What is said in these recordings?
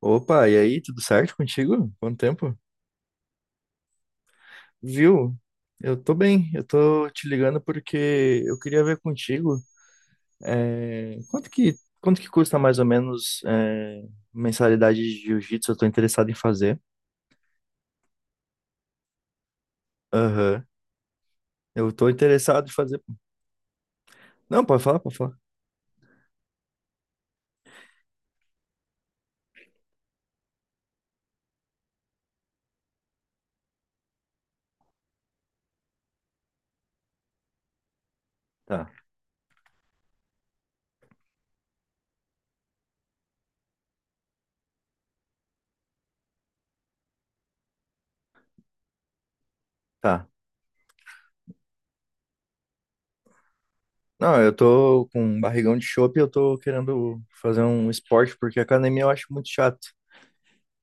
Opa, e aí, tudo certo contigo? Quanto tempo? Viu? Eu tô bem, eu tô te ligando porque eu queria ver contigo, é, quanto que, quanto que custa mais ou menos, mensalidade de jiu-jitsu? Eu tô interessado em fazer. Aham. Eu tô interessado em fazer. Não, pode falar, pode falar. Tá, tá. Não, eu tô com um barrigão de chope e eu tô querendo fazer um esporte porque academia eu acho muito chato.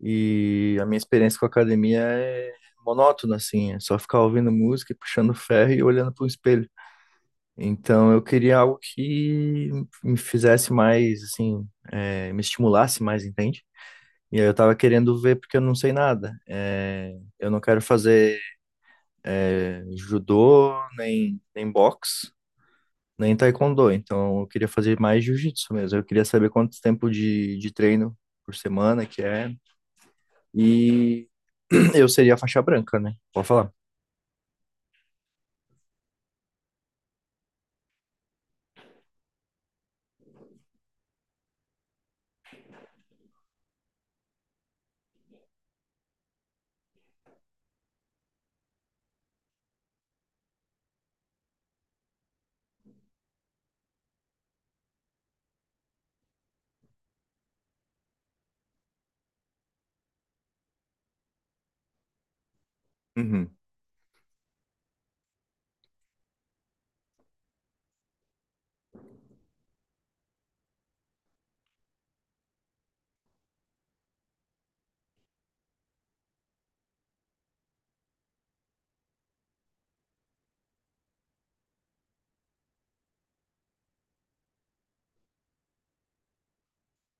E a minha experiência com a academia é monótona, assim, é só ficar ouvindo música e puxando ferro e olhando para o espelho. Então eu queria algo que me fizesse mais, assim, me estimulasse mais, entende? E aí eu tava querendo ver porque eu não sei nada. É, eu não quero fazer judô, nem boxe, nem taekwondo. Então eu queria fazer mais jiu-jitsu mesmo. Eu queria saber quanto tempo de treino por semana que é. E eu seria a faixa branca, né? Pode falar. Uhum,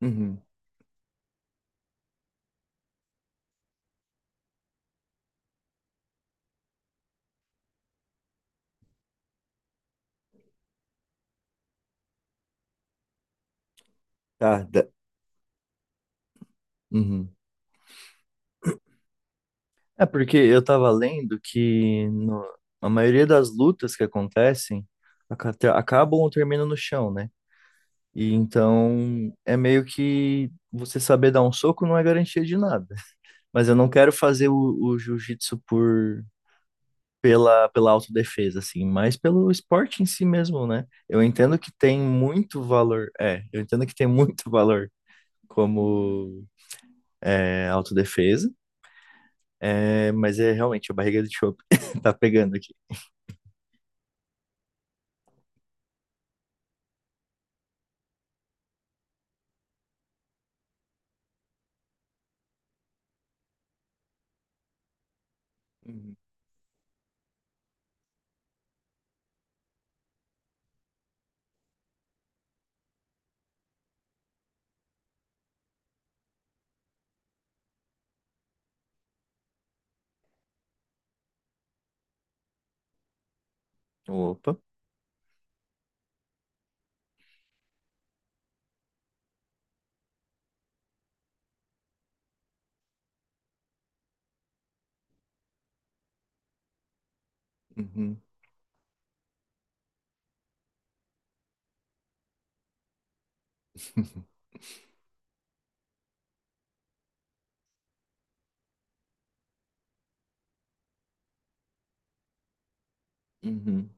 uhum. Tá. Uhum. É porque eu tava lendo que a maioria das lutas que acontecem acabam ou terminam no chão, né? E então é meio que você saber dar um soco não é garantia de nada. Mas eu não quero fazer o jiu-jitsu por pela pela autodefesa assim, mas pelo esporte em si mesmo, né? Eu entendo que tem muito valor, eu entendo que tem muito valor como autodefesa. É, mas é realmente a barriga de chope tá pegando aqui. Uhum. Opa. Uhum. Uhum.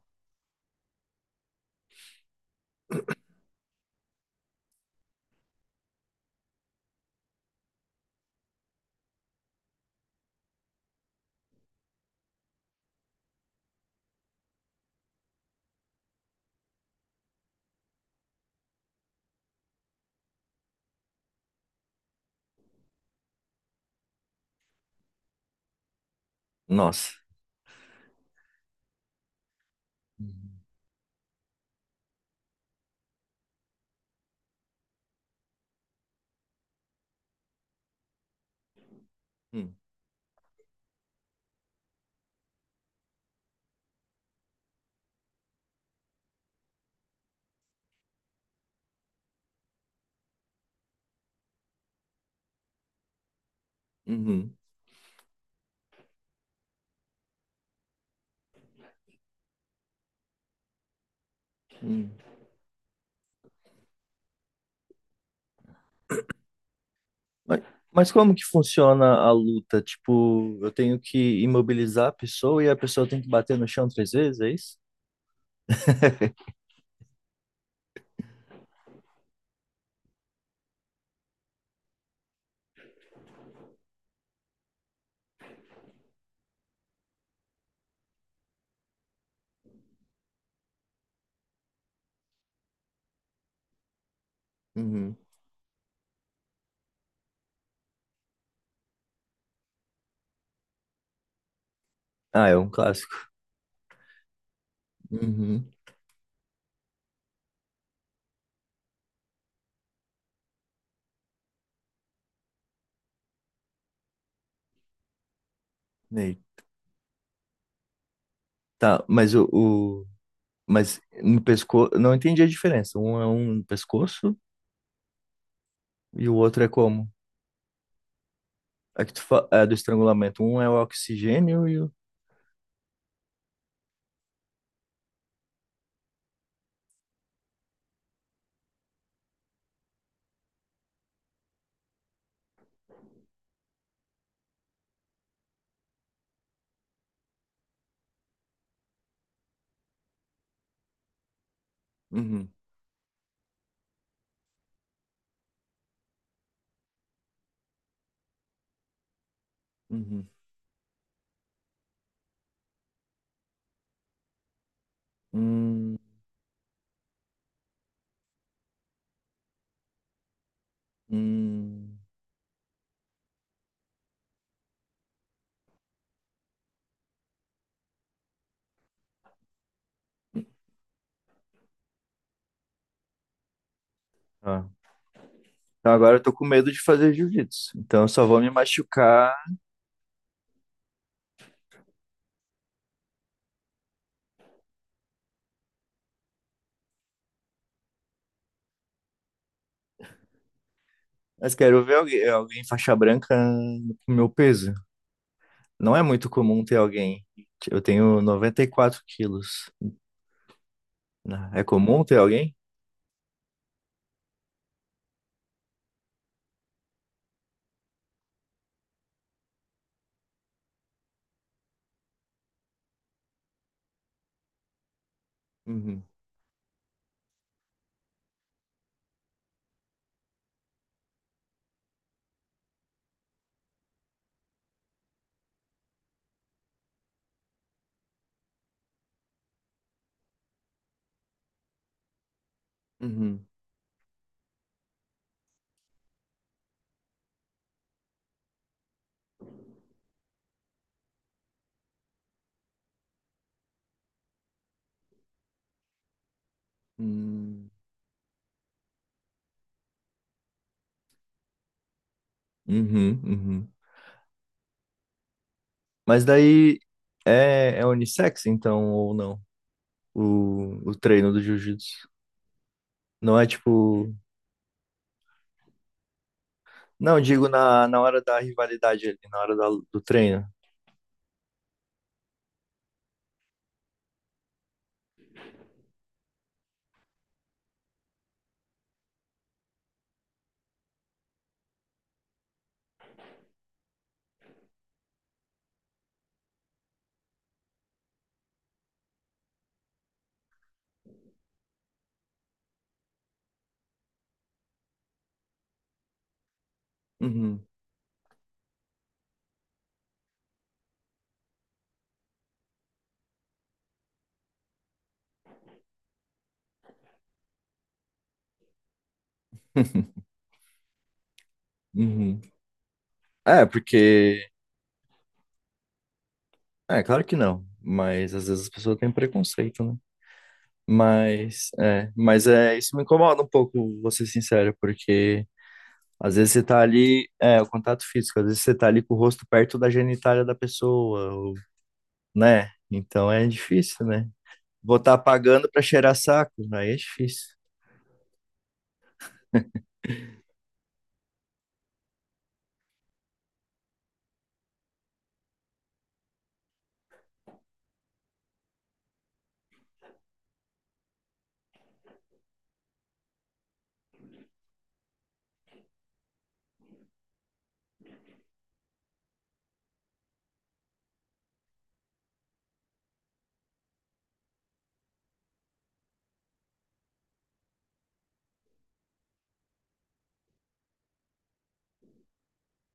Nossa. Uhum. Uhum. Uhum. Mas, mas como que funciona a luta? Tipo, eu tenho que imobilizar a pessoa e a pessoa tem que bater no chão três vezes, é isso? Uhum. Ah, é um clássico. Uhum. Ei. Tá, mas no pescoço, não entendi a diferença. Um é um no pescoço e o outro é como? É do estrangulamento. Um é o oxigênio e o. Uhum. Uhum. Hum, hum. Ah. Então agora eu tô com medo de fazer jiu-jitsu. Então eu só vou me machucar. Mas quero ver alguém, faixa branca com meu peso. Não é muito comum ter alguém. Eu tenho 94 kg, né? É comum ter alguém? Uhum, uhum, uhum, uhum, uhum. Mas daí é unissex, então, ou não? O treino do jiu-jitsu. Não é tipo. Não, digo na, na hora da rivalidade ali, na hora do treino. Uhum, uhum. É, porque. É, claro que não. Mas às vezes as pessoas têm preconceito, né? Mas é, isso me incomoda um pouco, vou ser sincero, porque às vezes você tá ali, o contato físico, às vezes você tá ali com o rosto perto da genitália da pessoa, né? Então é difícil, né? Vou estar pagando pra cheirar saco, aí é difícil.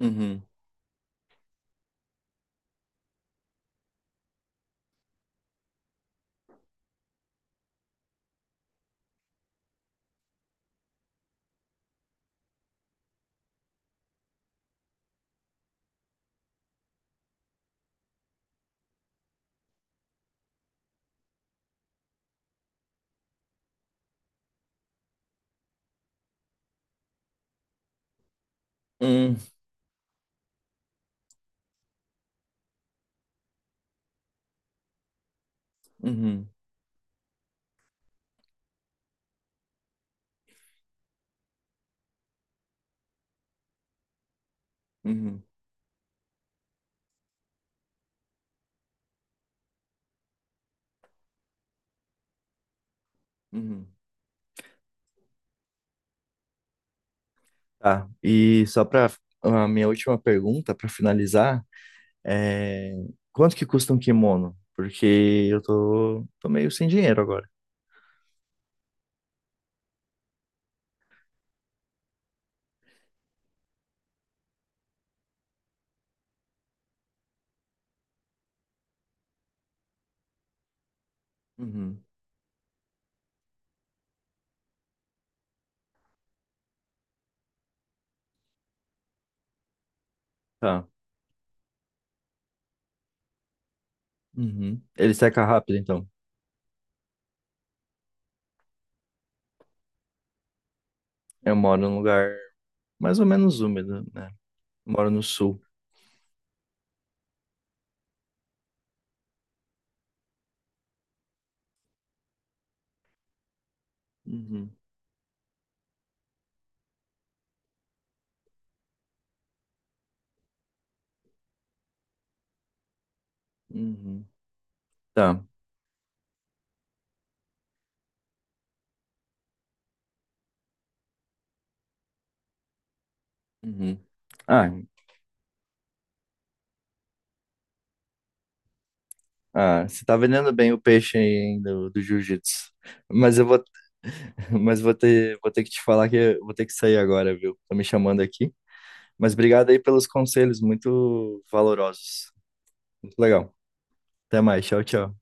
Uhum. Uhum. Uhum, uhum, uhum. Tá. E só para a minha última pergunta, para finalizar, é quanto que custa um kimono? Porque eu tô, meio sem dinheiro agora. Uhum, tá. Uhum. Ele seca rápido, então. Eu moro num lugar mais ou menos úmido, né? Moro no sul. Uhum, uhum. Tá. Uhum. Ah, ah, você tá vendendo bem o peixe aí, hein, do jiu-jitsu. Mas eu vou, mas vou ter que te falar que eu vou ter que sair agora, viu? Tô me chamando aqui. Mas obrigado aí pelos conselhos, muito valorosos. Muito legal. Até mais. Tchau, tchau.